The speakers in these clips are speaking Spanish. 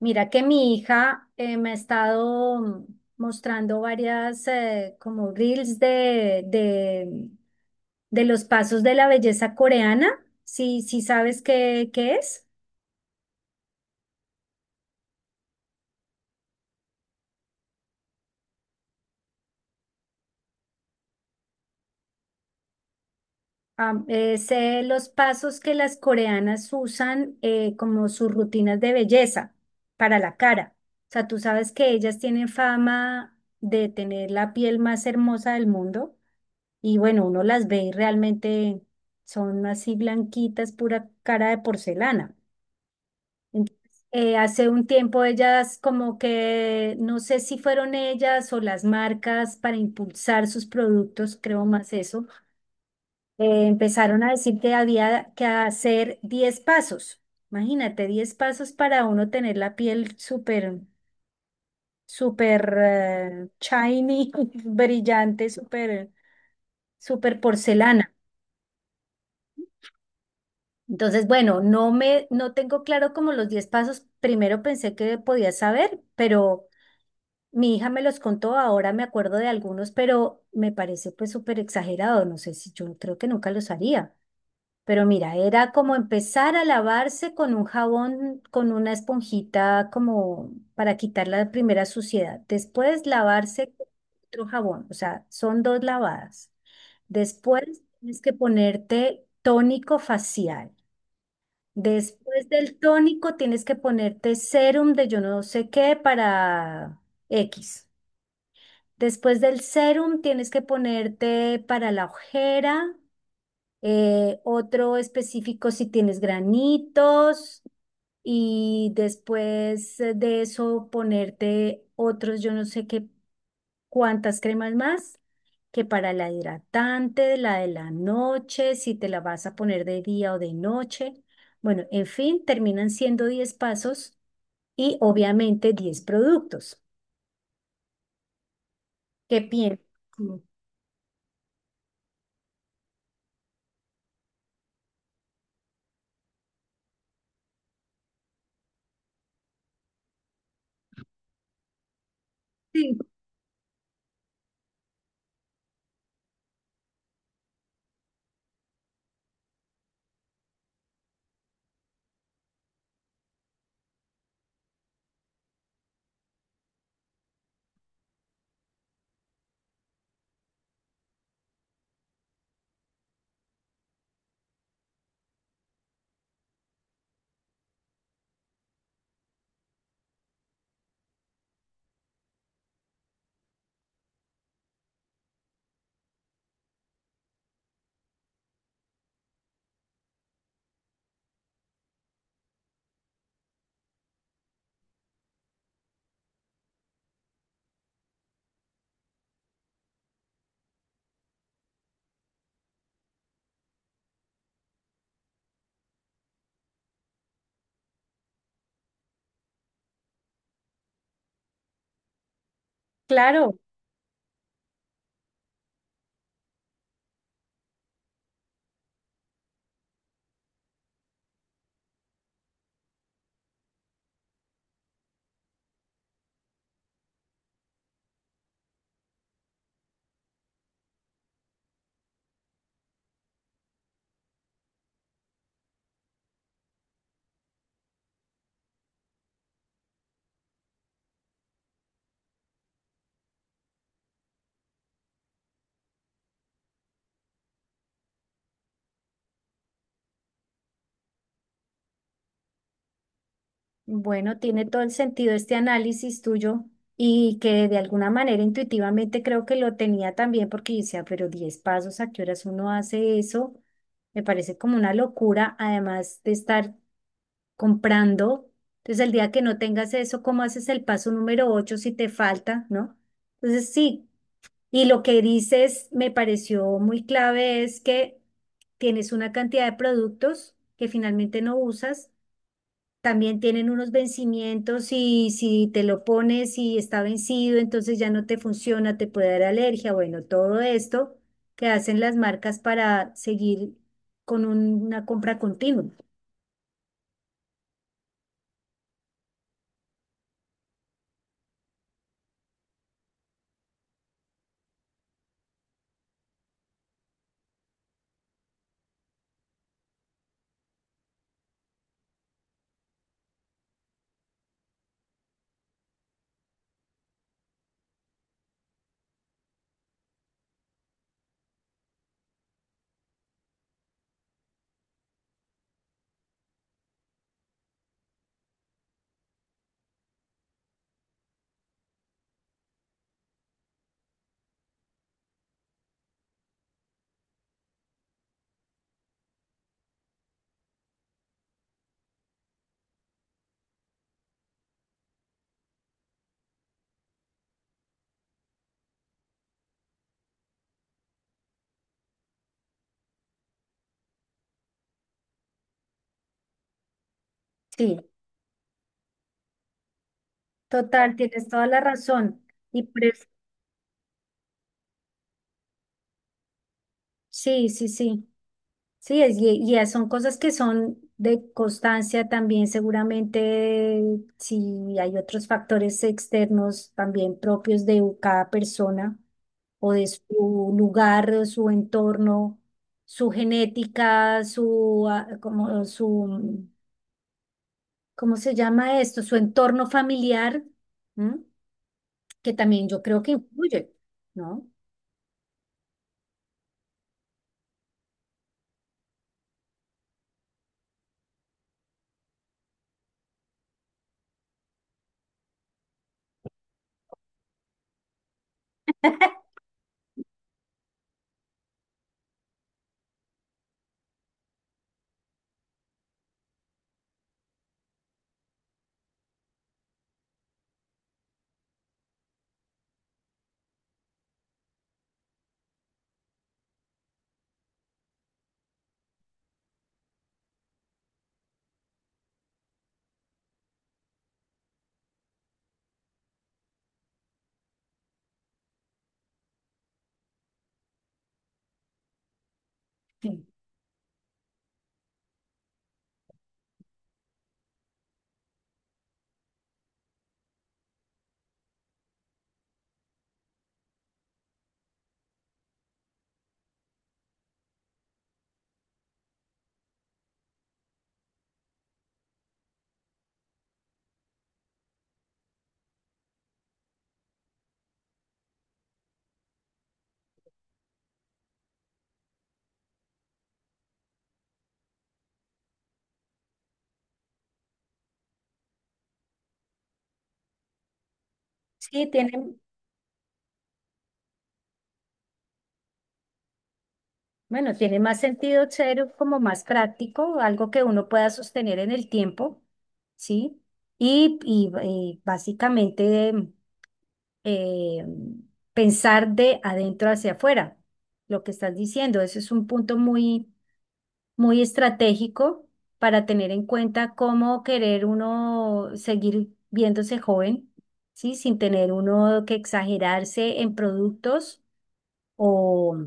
Mira que mi hija me ha estado mostrando varias como reels de los pasos de la belleza coreana. Si sabes qué es. Es los pasos que las coreanas usan como sus rutinas de belleza para la cara. O sea, tú sabes que ellas tienen fama de tener la piel más hermosa del mundo. Y bueno, uno las ve y realmente son así blanquitas, pura cara de porcelana. Hace un tiempo ellas como que, no sé si fueron ellas o las marcas para impulsar sus productos, creo más eso, empezaron a decir que había que hacer 10 pasos. Imagínate, 10 pasos para uno tener la piel súper, súper shiny, brillante, súper, súper porcelana. Entonces, bueno, no tengo claro como los 10 pasos. Primero pensé que podía saber, pero mi hija me los contó, ahora me acuerdo de algunos, pero me parece pues súper exagerado. No sé, si yo creo que nunca los haría. Pero mira, era como empezar a lavarse con un jabón, con una esponjita como para quitar la primera suciedad. Después lavarse con otro jabón, o sea, son dos lavadas. Después tienes que ponerte tónico facial. Después del tónico tienes que ponerte serum de yo no sé qué para X. Después del serum tienes que ponerte para la ojera, otro específico si tienes granitos, y después de eso ponerte otros yo no sé qué. ¿Cuántas cremas más? Que para la hidratante, la de la noche, si te la vas a poner de día o de noche. Bueno, en fin, terminan siendo 10 pasos y obviamente 10 productos. ¿Qué piensas? Sí. Sí, claro. Bueno, tiene todo el sentido este análisis tuyo y que de alguna manera intuitivamente creo que lo tenía también, porque yo decía, pero 10 pasos, ¿a qué horas uno hace eso? Me parece como una locura, además de estar comprando. Entonces, el día que no tengas eso, ¿cómo haces el paso número 8 si te falta?, ¿no? Entonces, sí, y lo que dices me pareció muy clave es que tienes una cantidad de productos que finalmente no usas. También tienen unos vencimientos y si te lo pones y está vencido, entonces ya no te funciona, te puede dar alergia. Bueno, todo esto que hacen las marcas para seguir con una compra continua. Sí. Total, tienes toda la razón. Y por sí, sí, sí. Sí, es, y son cosas que son de constancia también, seguramente, si hay otros factores externos también propios de cada persona o de su lugar, o su entorno, su genética, su, ah, como, su, ¿cómo se llama esto? Su entorno familiar, ¿m? Que también yo creo que influye, ¿no? Sí. Sí, tiene, bueno, tiene más sentido ser como más práctico, algo que uno pueda sostener en el tiempo, ¿sí? Y, básicamente eh, pensar de adentro hacia afuera, lo que estás diciendo. Eso es un punto muy, muy estratégico para tener en cuenta cómo querer uno seguir viéndose joven, ¿sí? Sin tener uno que exagerarse en productos, o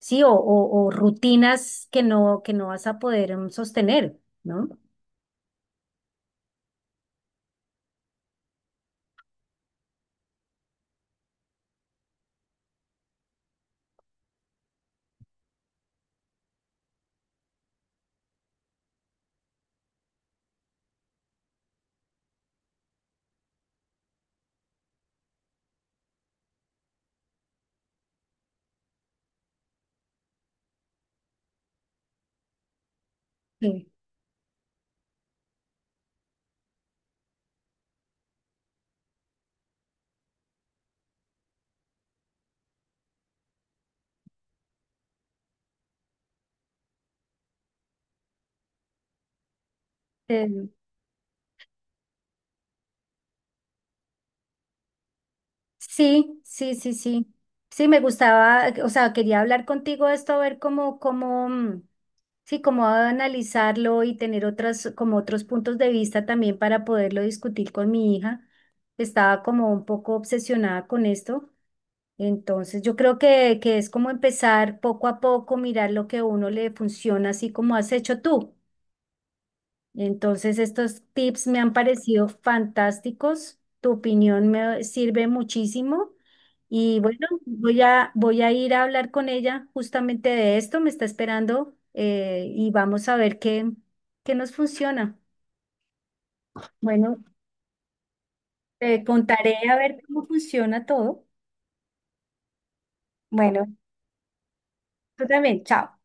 sí, o rutinas que no vas a poder sostener, ¿no? Sí. Eh, sí, sí, sí, sí. Sí, me gustaba, o sea, quería hablar contigo de esto, a ver cómo, cómo, sí, cómo analizarlo y tener otras, como otros puntos de vista también, para poderlo discutir con mi hija, que estaba como un poco obsesionada con esto. Entonces, yo creo que es como empezar poco a poco, mirar lo que a uno le funciona, así como has hecho tú. Entonces, estos tips me han parecido fantásticos. Tu opinión me sirve muchísimo. Y bueno, voy a, voy a ir a hablar con ella justamente de esto. Me está esperando, y vamos a ver qué, qué nos funciona. Bueno, te contaré a ver cómo funciona todo. Bueno, tú también, chao.